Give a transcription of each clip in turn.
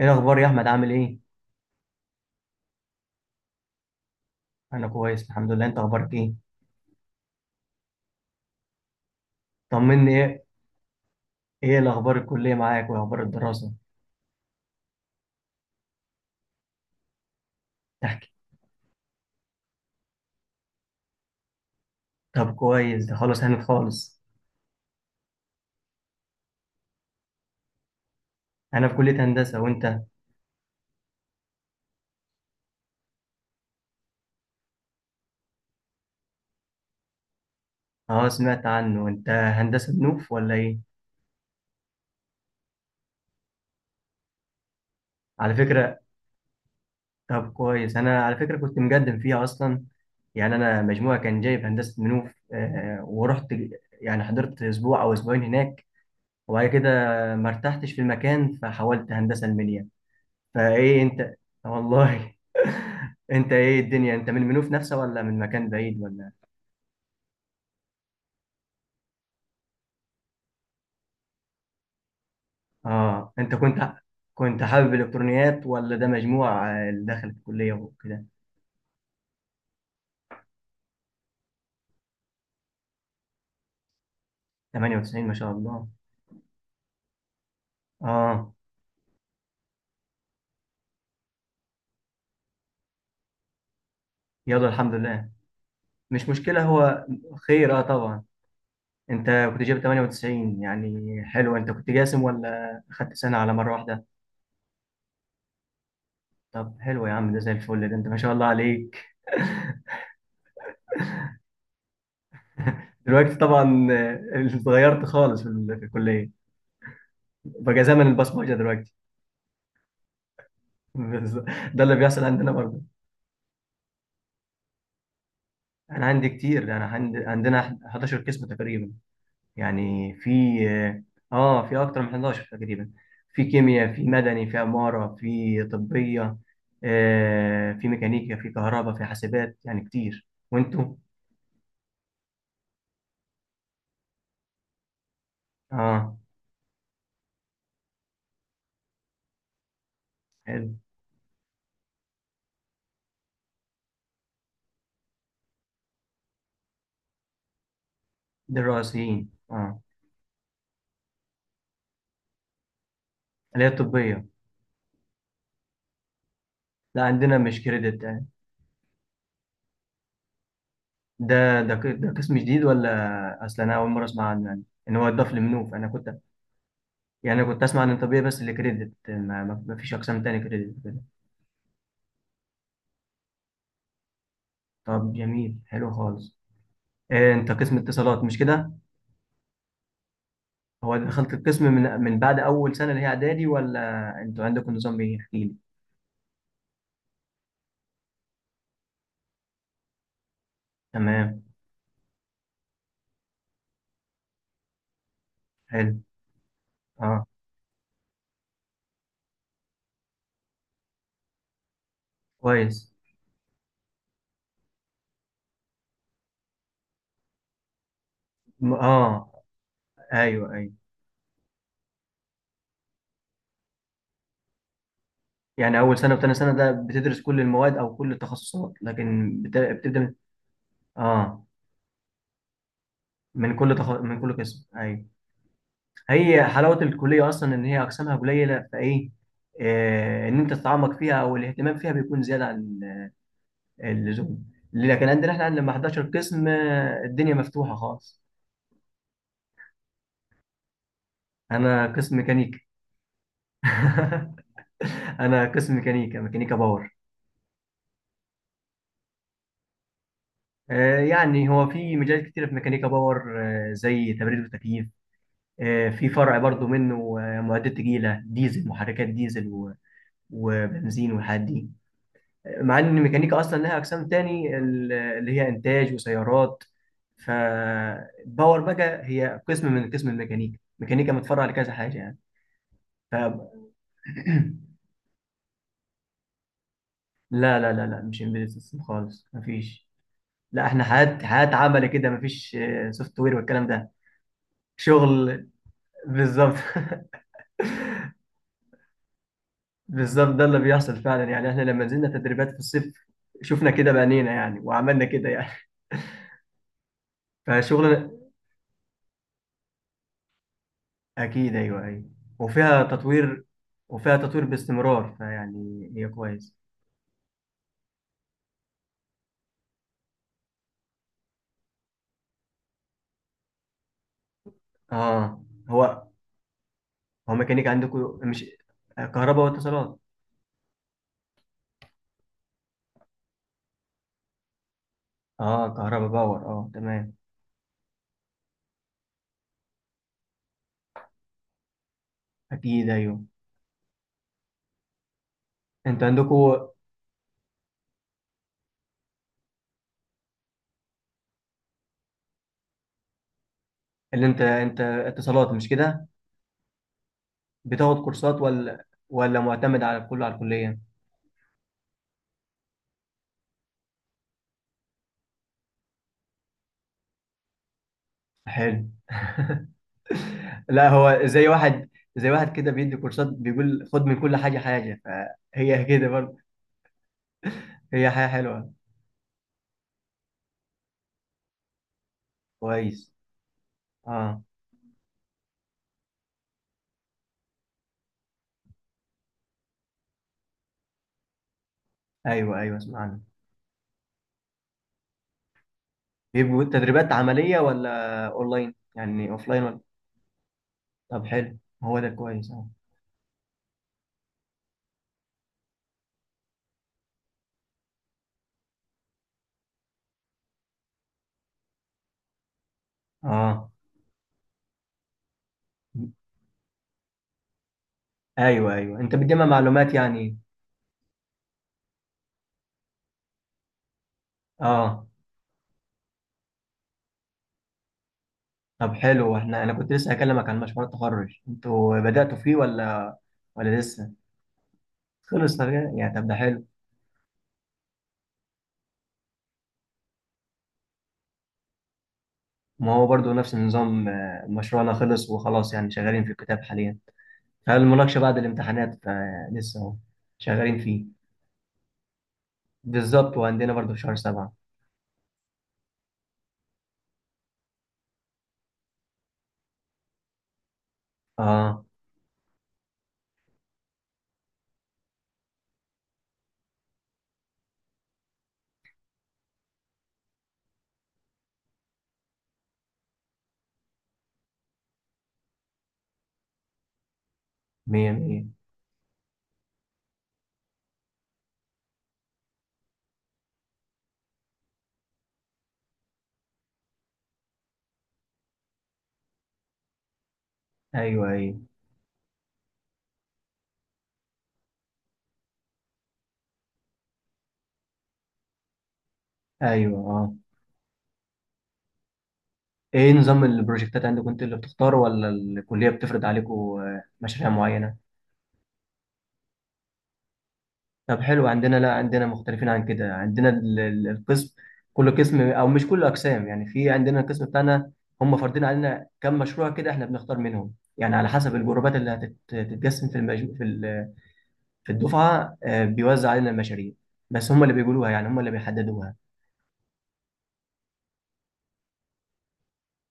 ايه الاخبار يا احمد؟ عامل ايه؟ انا كويس الحمد لله. انت اخبارك ايه؟ طمني، ايه؟ ايه الاخبار؟ الكليه معاك واخبار الدراسه؟ تحكي. طب كويس، ده خلاص هانت خالص. انا في كليه هندسه، وانت؟ اه سمعت عنه. انت هندسه بنوف ولا ايه؟ على فكره، طب كويس، انا على فكره كنت مقدم فيها اصلا. يعني انا مجموعه كان جايب هندسه بنوف، ورحت يعني حضرت اسبوع او اسبوعين هناك، وبعد كده ما ارتحتش في المكان، فحولت هندسه المنيا. فايه انت؟ والله. انت ايه الدنيا، انت من المنوف نفسه ولا من مكان بعيد ولا؟ اه انت كنت، كنت حابب الالكترونيات ولا ده مجموع اللي دخل الكليه وكده؟ 98 ما شاء الله. اه يلا الحمد لله، مش مشكله. هو خير اه طبعا. انت كنت جايب 98، يعني حلو. انت كنت جاسم ولا خدت سنه على مره واحده؟ طب حلو يا عم، ده زي الفل، ده انت ما شاء الله عليك. دلوقتي طبعا اتغيرت خالص في في الكليه. بقى زمن البصمجه دلوقتي. بالظبط. ده اللي بيحصل عندنا. انا عندي كتير، انا عندي عندنا 11 قسم تقريبا، يعني في اه في اكتر من 11 تقريبا. في كيمياء، في مدني، في عمارة، في طبية، آه في ميكانيكا، في كهرباء، في حاسبات، يعني كتير. وانتوا؟ اه حلو. ده الرئيسيين اه. اللي هي الطبية. لا عندنا مش كريدت آه. ده قسم جديد ولا؟ اصلا انا اول مرة اسمع عنه، يعني ان هو اتضاف لمنوف. انا كنت يعني انا كنت اسمع عن الطبية بس اللي كريدت. ما فيش اقسام تاني كريدت. طب جميل، حلو خالص. إيه، انت قسم اتصالات مش كده؟ هو دخلت القسم من بعد اول سنه اللي هي اعدادي، ولا انتوا عندكم نظام ايه؟ احكي لي. تمام. حلو. اه كويس. اه ايوه ايوه. يعني اول سنه وتاني سنه ده بتدرس كل المواد او كل التخصصات، لكن بتبدا من اه من من كل قسم، ايوه. هي حلاوه الكليه اصلا ان هي اقسامها قليله، فايه آه ان انت تتعمق فيها، او الاهتمام فيها بيكون زياده عن اللزوم. ليه؟ لكن عندنا، احنا عندنا لما 11 قسم الدنيا مفتوحة خالص. انا قسم ميكانيكا. انا قسم ميكانيكا، ميكانيكا باور. يعني هو في مجالات كتيرة في ميكانيكا باور، زي تبريد وتكييف، في فرع برضو منه، معدات تقيلة، ديزل، محركات ديزل و- وبنزين والحاجات دي، مع ان الميكانيكا اصلا لها اقسام تاني، اللي هي انتاج وسيارات. فباور بقى هي قسم من قسم الميكانيكا. ميكانيكا متفرع لكذا حاجة يعني. لا، مش امبيدد سيستم خالص، مفيش. لا احنا حياة عمل كده مفيش سوفت وير والكلام ده. شغل، بالظبط. بالظبط، ده اللي بيحصل فعلا. يعني احنا لما نزلنا تدريبات في الصيف شفنا كده بعينينا يعني، وعملنا كده يعني فشغلنا. اكيد، ايوه ايوه. وفيها تطوير، وفيها تطوير باستمرار، فيعني هي كويس. اه هو، هو ميكانيك عندكم، مش كهرباء واتصالات؟ اه كهرباء باور اه تمام. اكيد ايوه. انتوا عندكم، اللي انت، انت اتصالات مش كده؟ بتاخد كورسات ولا ولا معتمد على كله على الكلية؟ حلو. لا هو زي واحد، زي واحد كده بيدي كورسات بيقول خد من كل حاجة حاجة. فهي كده برضه. هي حاجة حلوة. كويس. اه ايوه ايوه، اسمع عنها. بيبقوا تدريبات عملية ولا اونلاين، يعني اوفلاين ولا؟ طب حلو، هو ده كويس اه. اه ايوه ايوه، انت بتجمع معلومات يعني. اه. طب حلو، احنا انا كنت لسه هكلمك عن مشروع التخرج. انتوا بدأتوا فيه ولا ولا لسه؟ خلص؟ طب يعني طب ده حلو. ما هو برضو نفس النظام، مشروعنا خلص وخلاص، يعني شغالين في الكتاب حاليا، فالمناقشة بعد الامتحانات. فلسه اهو شغالين فيه. بالظبط، وعندنا برضو في شهر سبعة. اه مية مية. ايوه ايوه ايوه اه. ايه نظام البروجكتات عندكم؟ انتوا اللي بتختاروا ولا الكلية بتفرض عليكم مشاريع معينة؟ طب حلو، عندنا لا عندنا مختلفين عن كده. عندنا القسم، كل قسم، او مش كل اقسام يعني، في عندنا القسم بتاعنا هم فارضين علينا كم مشروع كده، احنا بنختار منهم، يعني على حسب الجروبات اللي هتتقسم في في في الدفعه، بيوزع علينا المشاريع، بس هم اللي بيقولوها يعني، هم اللي بيحددوها.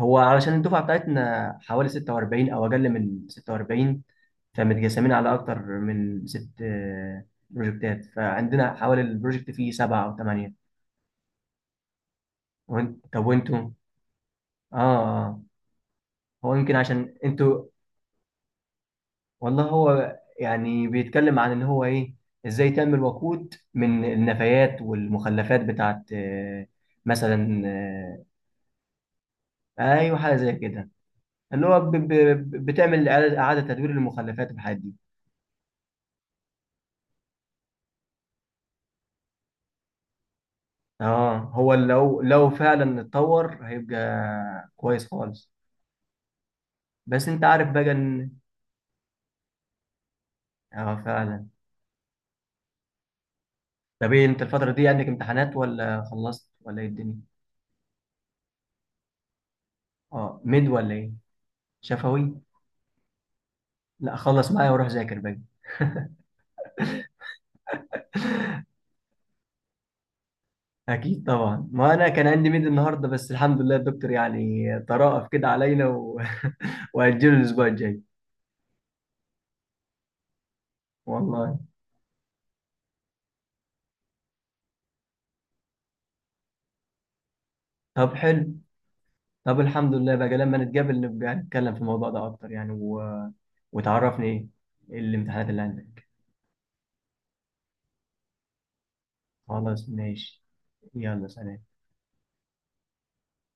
هو علشان الدفعه بتاعتنا حوالي 46 او اقل من 46، فمتقسمين على اكتر من ست بروجكتات. فعندنا حوالي البروجكت فيه سبعه او ثمانيه. وانت، طب وانتوا؟ اه آه. هو يمكن عشان انتوا. والله هو يعني بيتكلم عن ان هو ايه، ازاي تم الوقود من النفايات والمخلفات بتاعت مثلا. ايوه حاجه زي كده، اللي هو بتعمل اعاده، إعادة تدوير للمخلفات والحاجات دي. اه هو لو لو فعلا اتطور هيبقى كويس خالص. بس انت عارف بقى ان، اه فعلا. طب ايه، انت الفتره دي عندك امتحانات ولا خلصت ولا ايه الدنيا؟ اه ميد ولا ايه؟ شفوي. لا خلص معايا وروح ذاكر بقى. اكيد طبعا، ما انا كان عندي ميد النهارده، بس الحمد لله الدكتور يعني ترأف كده علينا و... واجله الاسبوع الجاي. والله. طب حلو، طب الحمد لله بقى، لما نتقابل نبقى نتكلم في الموضوع ده اكتر يعني و... وتعرفني ايه الامتحانات اللي عندك. خلاص ماشي. يلا سلام.